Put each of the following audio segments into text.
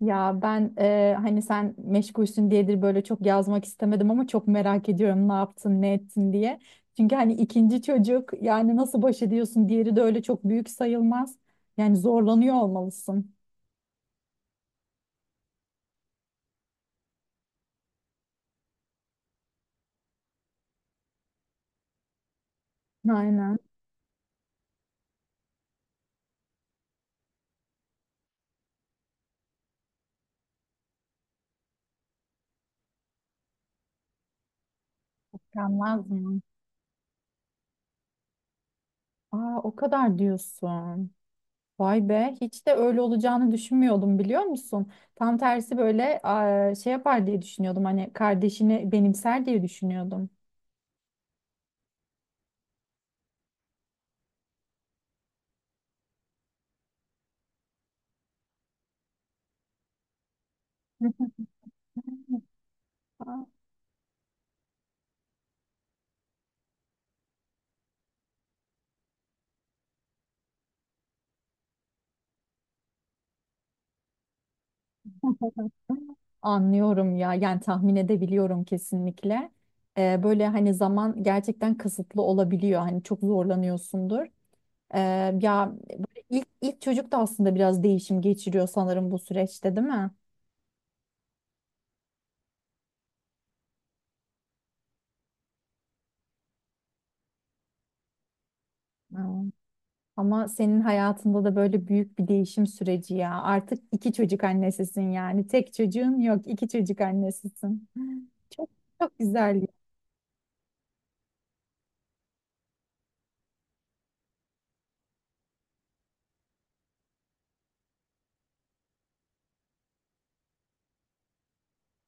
Ya ben hani sen meşgulsün diyedir böyle çok yazmak istemedim ama çok merak ediyorum ne yaptın ne ettin diye. Çünkü hani ikinci çocuk yani nasıl baş ediyorsun, diğeri de öyle çok büyük sayılmaz. Yani zorlanıyor olmalısın. Aynen. Gelmez mi? Aa, o kadar diyorsun. Vay be, hiç de öyle olacağını düşünmüyordum biliyor musun? Tam tersi böyle şey yapar diye düşünüyordum, hani kardeşini benimser diye düşünüyordum. Aa. Anlıyorum ya, yani tahmin edebiliyorum kesinlikle. Böyle hani zaman gerçekten kısıtlı olabiliyor. Hani çok zorlanıyorsundur. Ee, ya böyle ilk çocuk da aslında biraz değişim geçiriyor sanırım bu süreçte, değil mi? Hmm. Ama senin hayatında da böyle büyük bir değişim süreci ya. Artık iki çocuk annesisin yani. Tek çocuğun yok, iki çocuk annesisin. Çok çok güzel ya.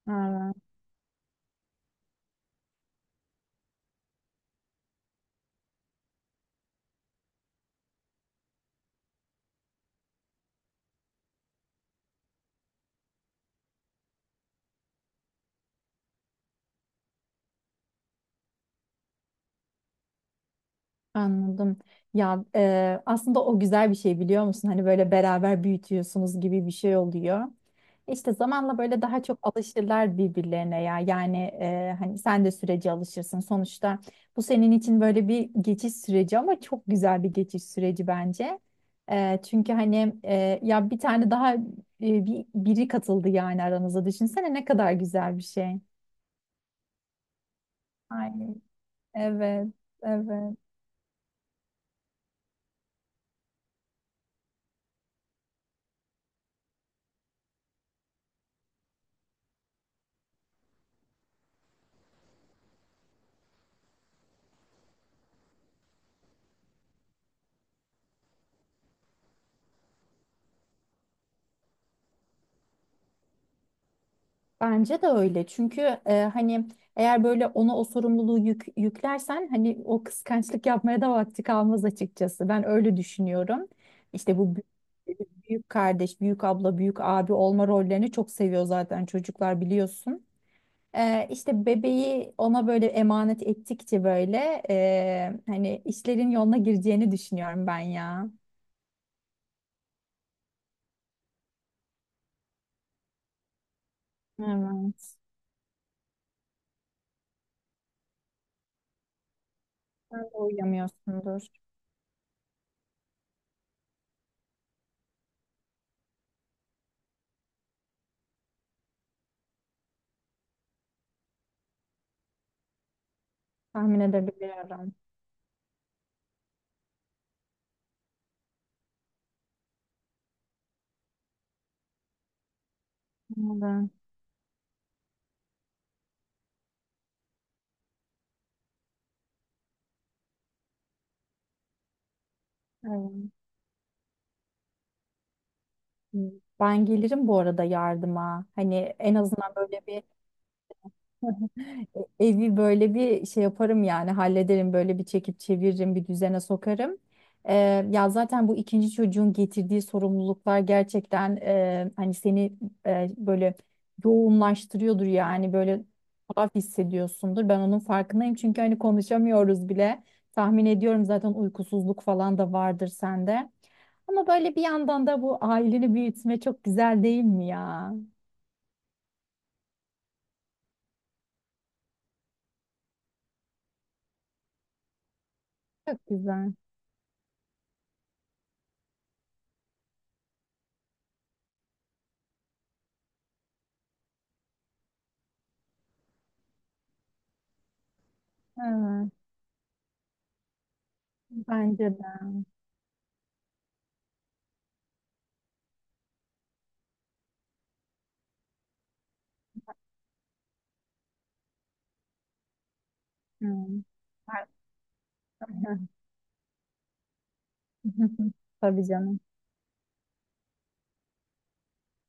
Evet. Anladım. Ya aslında o güzel bir şey biliyor musun? Hani böyle beraber büyütüyorsunuz gibi bir şey oluyor. İşte zamanla böyle daha çok alışırlar birbirlerine ya. Yani hani sen de sürece alışırsın. Sonuçta bu senin için böyle bir geçiş süreci ama çok güzel bir geçiş süreci bence. Çünkü hani ya bir tane daha biri katıldı yani aranıza. Düşünsene ne kadar güzel bir şey. Aynen. Evet, evet. Bence de öyle. Çünkü hani eğer böyle ona o sorumluluğu yüklersen hani o kıskançlık yapmaya da vakti kalmaz açıkçası. Ben öyle düşünüyorum. İşte bu büyük kardeş, büyük abla, büyük abi olma rollerini çok seviyor zaten çocuklar, biliyorsun. İşte bebeği ona böyle emanet ettikçe böyle hani işlerin yoluna gireceğini düşünüyorum ben ya. Evet. Sen de uyuyamıyorsundur. Tahmin edebiliyorum. Evet. Evet. Ben gelirim bu arada yardıma. Hani en azından böyle bir evi böyle bir şey yaparım yani, hallederim, böyle bir çekip çeviririm, bir düzene sokarım. Ee, ya zaten bu ikinci çocuğun getirdiği sorumluluklar gerçekten hani seni böyle yoğunlaştırıyordur yani, böyle tuhaf hissediyorsundur. Ben onun farkındayım çünkü hani konuşamıyoruz bile. Tahmin ediyorum zaten, uykusuzluk falan da vardır sende. Ama böyle bir yandan da bu aileni büyütme çok güzel, değil mi ya? Çok güzel. Evet, bence de. Hmm. Tabii canım.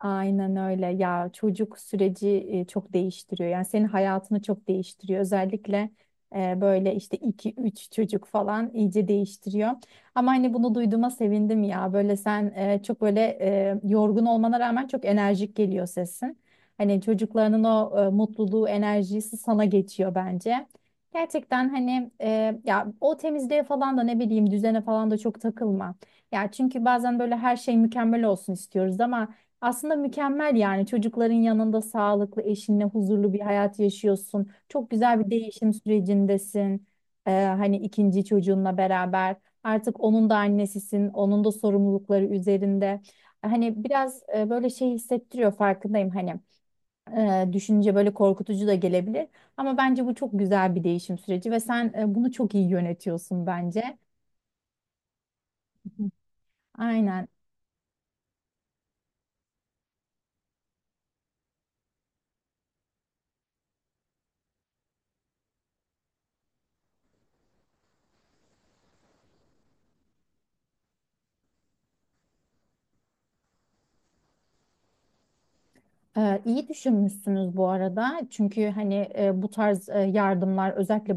Aynen öyle ya, çocuk süreci çok değiştiriyor yani, senin hayatını çok değiştiriyor, özellikle böyle işte iki üç çocuk falan iyice değiştiriyor. Ama hani bunu duyduğuma sevindim ya, böyle sen çok böyle yorgun olmana rağmen çok enerjik geliyor sesin. Hani çocuklarının o mutluluğu, enerjisi sana geçiyor bence gerçekten. Hani ya o temizliğe falan da ne bileyim, düzene falan da çok takılma ya. Çünkü bazen böyle her şey mükemmel olsun istiyoruz ama aslında mükemmel yani, çocukların yanında sağlıklı, eşinle huzurlu bir hayat yaşıyorsun. Çok güzel bir değişim sürecindesin. Hani ikinci çocuğunla beraber artık onun da annesisin, onun da sorumlulukları üzerinde. Hani biraz böyle şey hissettiriyor, farkındayım hani düşünce böyle korkutucu da gelebilir. Ama bence bu çok güzel bir değişim süreci ve sen bunu çok iyi yönetiyorsun bence. Hı. Aynen. İyi düşünmüşsünüz bu arada. Çünkü hani bu tarz yardımlar özellikle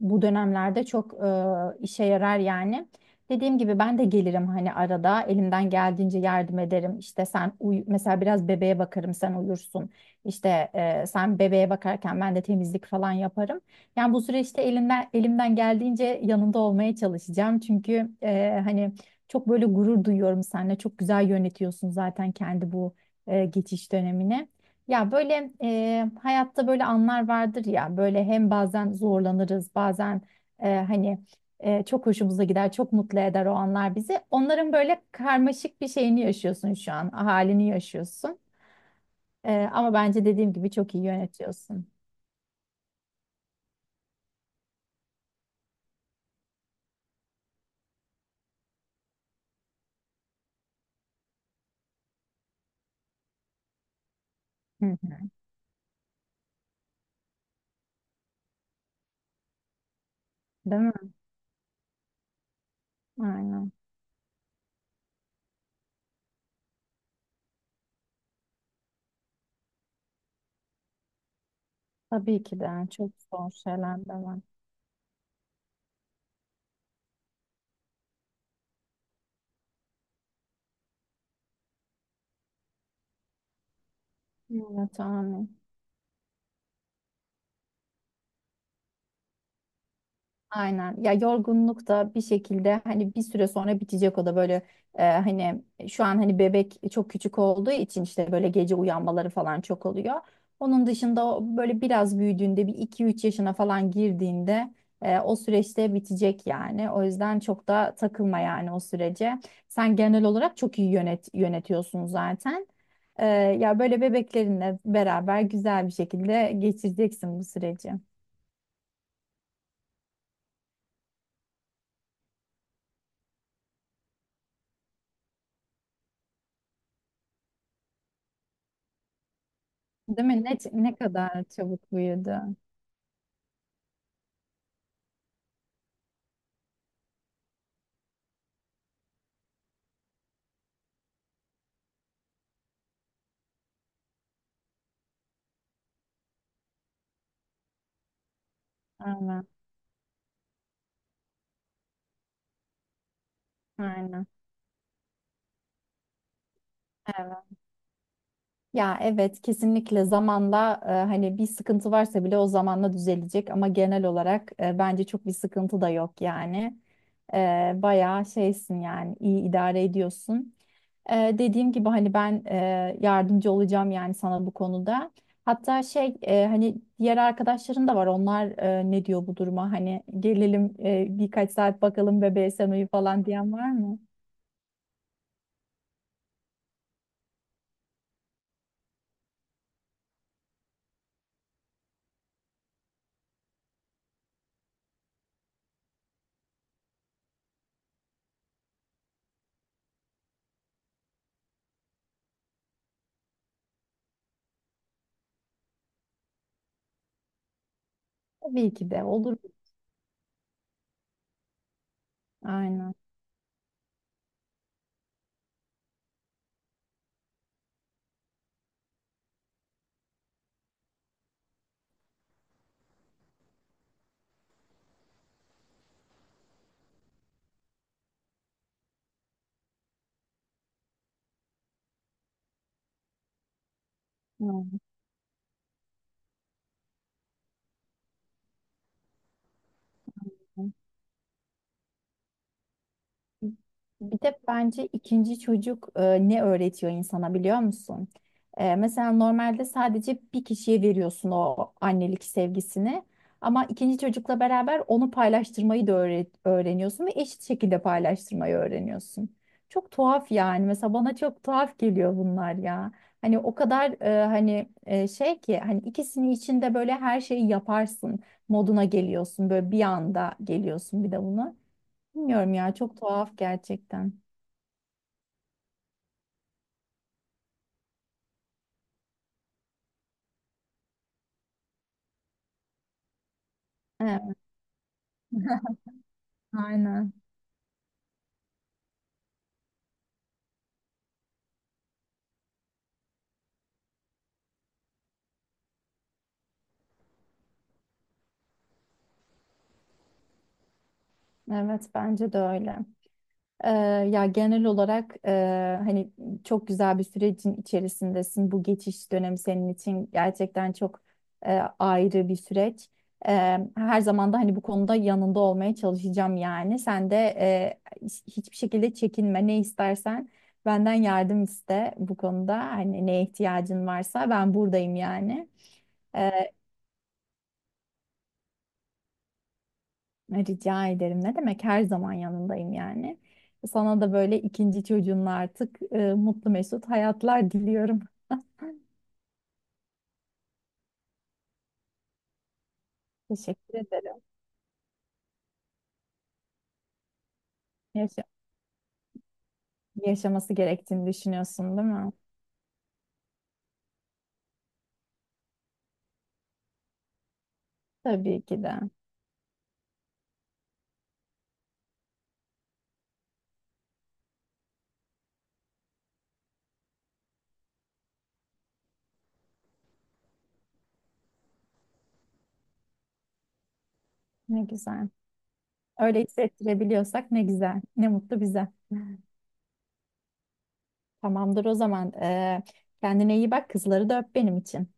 bu dönemlerde çok işe yarar yani. Dediğim gibi ben de gelirim hani, arada elimden geldiğince yardım ederim. İşte sen uyu mesela, biraz bebeğe bakarım, sen uyursun. İşte sen bebeğe bakarken ben de temizlik falan yaparım. Yani bu süreçte elinden elimden geldiğince yanında olmaya çalışacağım. Çünkü hani çok böyle gurur duyuyorum seninle. Çok güzel yönetiyorsun zaten kendi bu geçiş dönemine. Ya böyle hayatta böyle anlar vardır ya, böyle hem bazen zorlanırız bazen hani çok hoşumuza gider, çok mutlu eder o anlar bizi. Onların böyle karmaşık bir şeyini yaşıyorsun şu an, halini yaşıyorsun. Ama bence dediğim gibi çok iyi yönetiyorsun. Hı hı. Değil mi? Aynen. Tabii ki de yani, çok zor şeyler de var. Evet, amin. Aynen. Ya yorgunluk da bir şekilde hani bir süre sonra bitecek, o da böyle hani şu an hani bebek çok küçük olduğu için işte böyle gece uyanmaları falan çok oluyor. Onun dışında o böyle biraz büyüdüğünde, bir iki üç yaşına falan girdiğinde o süreçte bitecek yani. O yüzden çok da takılma yani o sürece. Sen genel olarak çok iyi yönetiyorsun zaten. Ya böyle bebeklerinle beraber güzel bir şekilde geçireceksin bu süreci. Değil mi? Ne kadar çabuk büyüdü. Aynen. Aynen. Evet. Ya evet, kesinlikle zamanla hani bir sıkıntı varsa bile o zamanla düzelecek ama genel olarak bence çok bir sıkıntı da yok yani. Bayağı şeysin yani, iyi idare ediyorsun. Dediğim gibi hani ben yardımcı olacağım yani sana bu konuda. Hatta şey, hani diğer arkadaşların da var. Onlar ne diyor bu duruma? Hani gelelim birkaç saat bakalım bebeğe, sen uyu falan diyen var mı? Tabii ki de olur. Aynen. Aynen. Bir de bence ikinci çocuk ne öğretiyor insana biliyor musun? Mesela normalde sadece bir kişiye veriyorsun o annelik sevgisini. Ama ikinci çocukla beraber onu paylaştırmayı da öğreniyorsun ve eşit şekilde paylaştırmayı öğreniyorsun. Çok tuhaf yani. Mesela bana çok tuhaf geliyor bunlar ya. Hani o kadar hani şey ki, hani ikisini içinde böyle her şeyi yaparsın moduna geliyorsun. Böyle bir anda geliyorsun bir de buna. Bilmiyorum ya, çok tuhaf gerçekten. Evet, aynen. Evet, bence de öyle. Ee, ya genel olarak hani çok güzel bir sürecin içerisindesin. Bu geçiş dönemi senin için gerçekten çok ayrı bir süreç. Her zaman da hani bu konuda yanında olmaya çalışacağım yani. Sen de hiçbir şekilde çekinme. Ne istersen benden yardım iste bu konuda. Hani neye ihtiyacın varsa ben buradayım yani. Rica ederim. Ne demek? Her zaman yanındayım yani. Sana da böyle ikinci çocuğunla artık mutlu mesut hayatlar diliyorum. Teşekkür ederim. Yaşa- yaşaması gerektiğini düşünüyorsun, değil mi? Tabii ki de. Ne güzel. Öyle hissettirebiliyorsak ne güzel. Ne mutlu bize. Tamamdır o zaman. Kendine iyi bak. Kızları da öp benim için.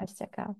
Hoşça kal.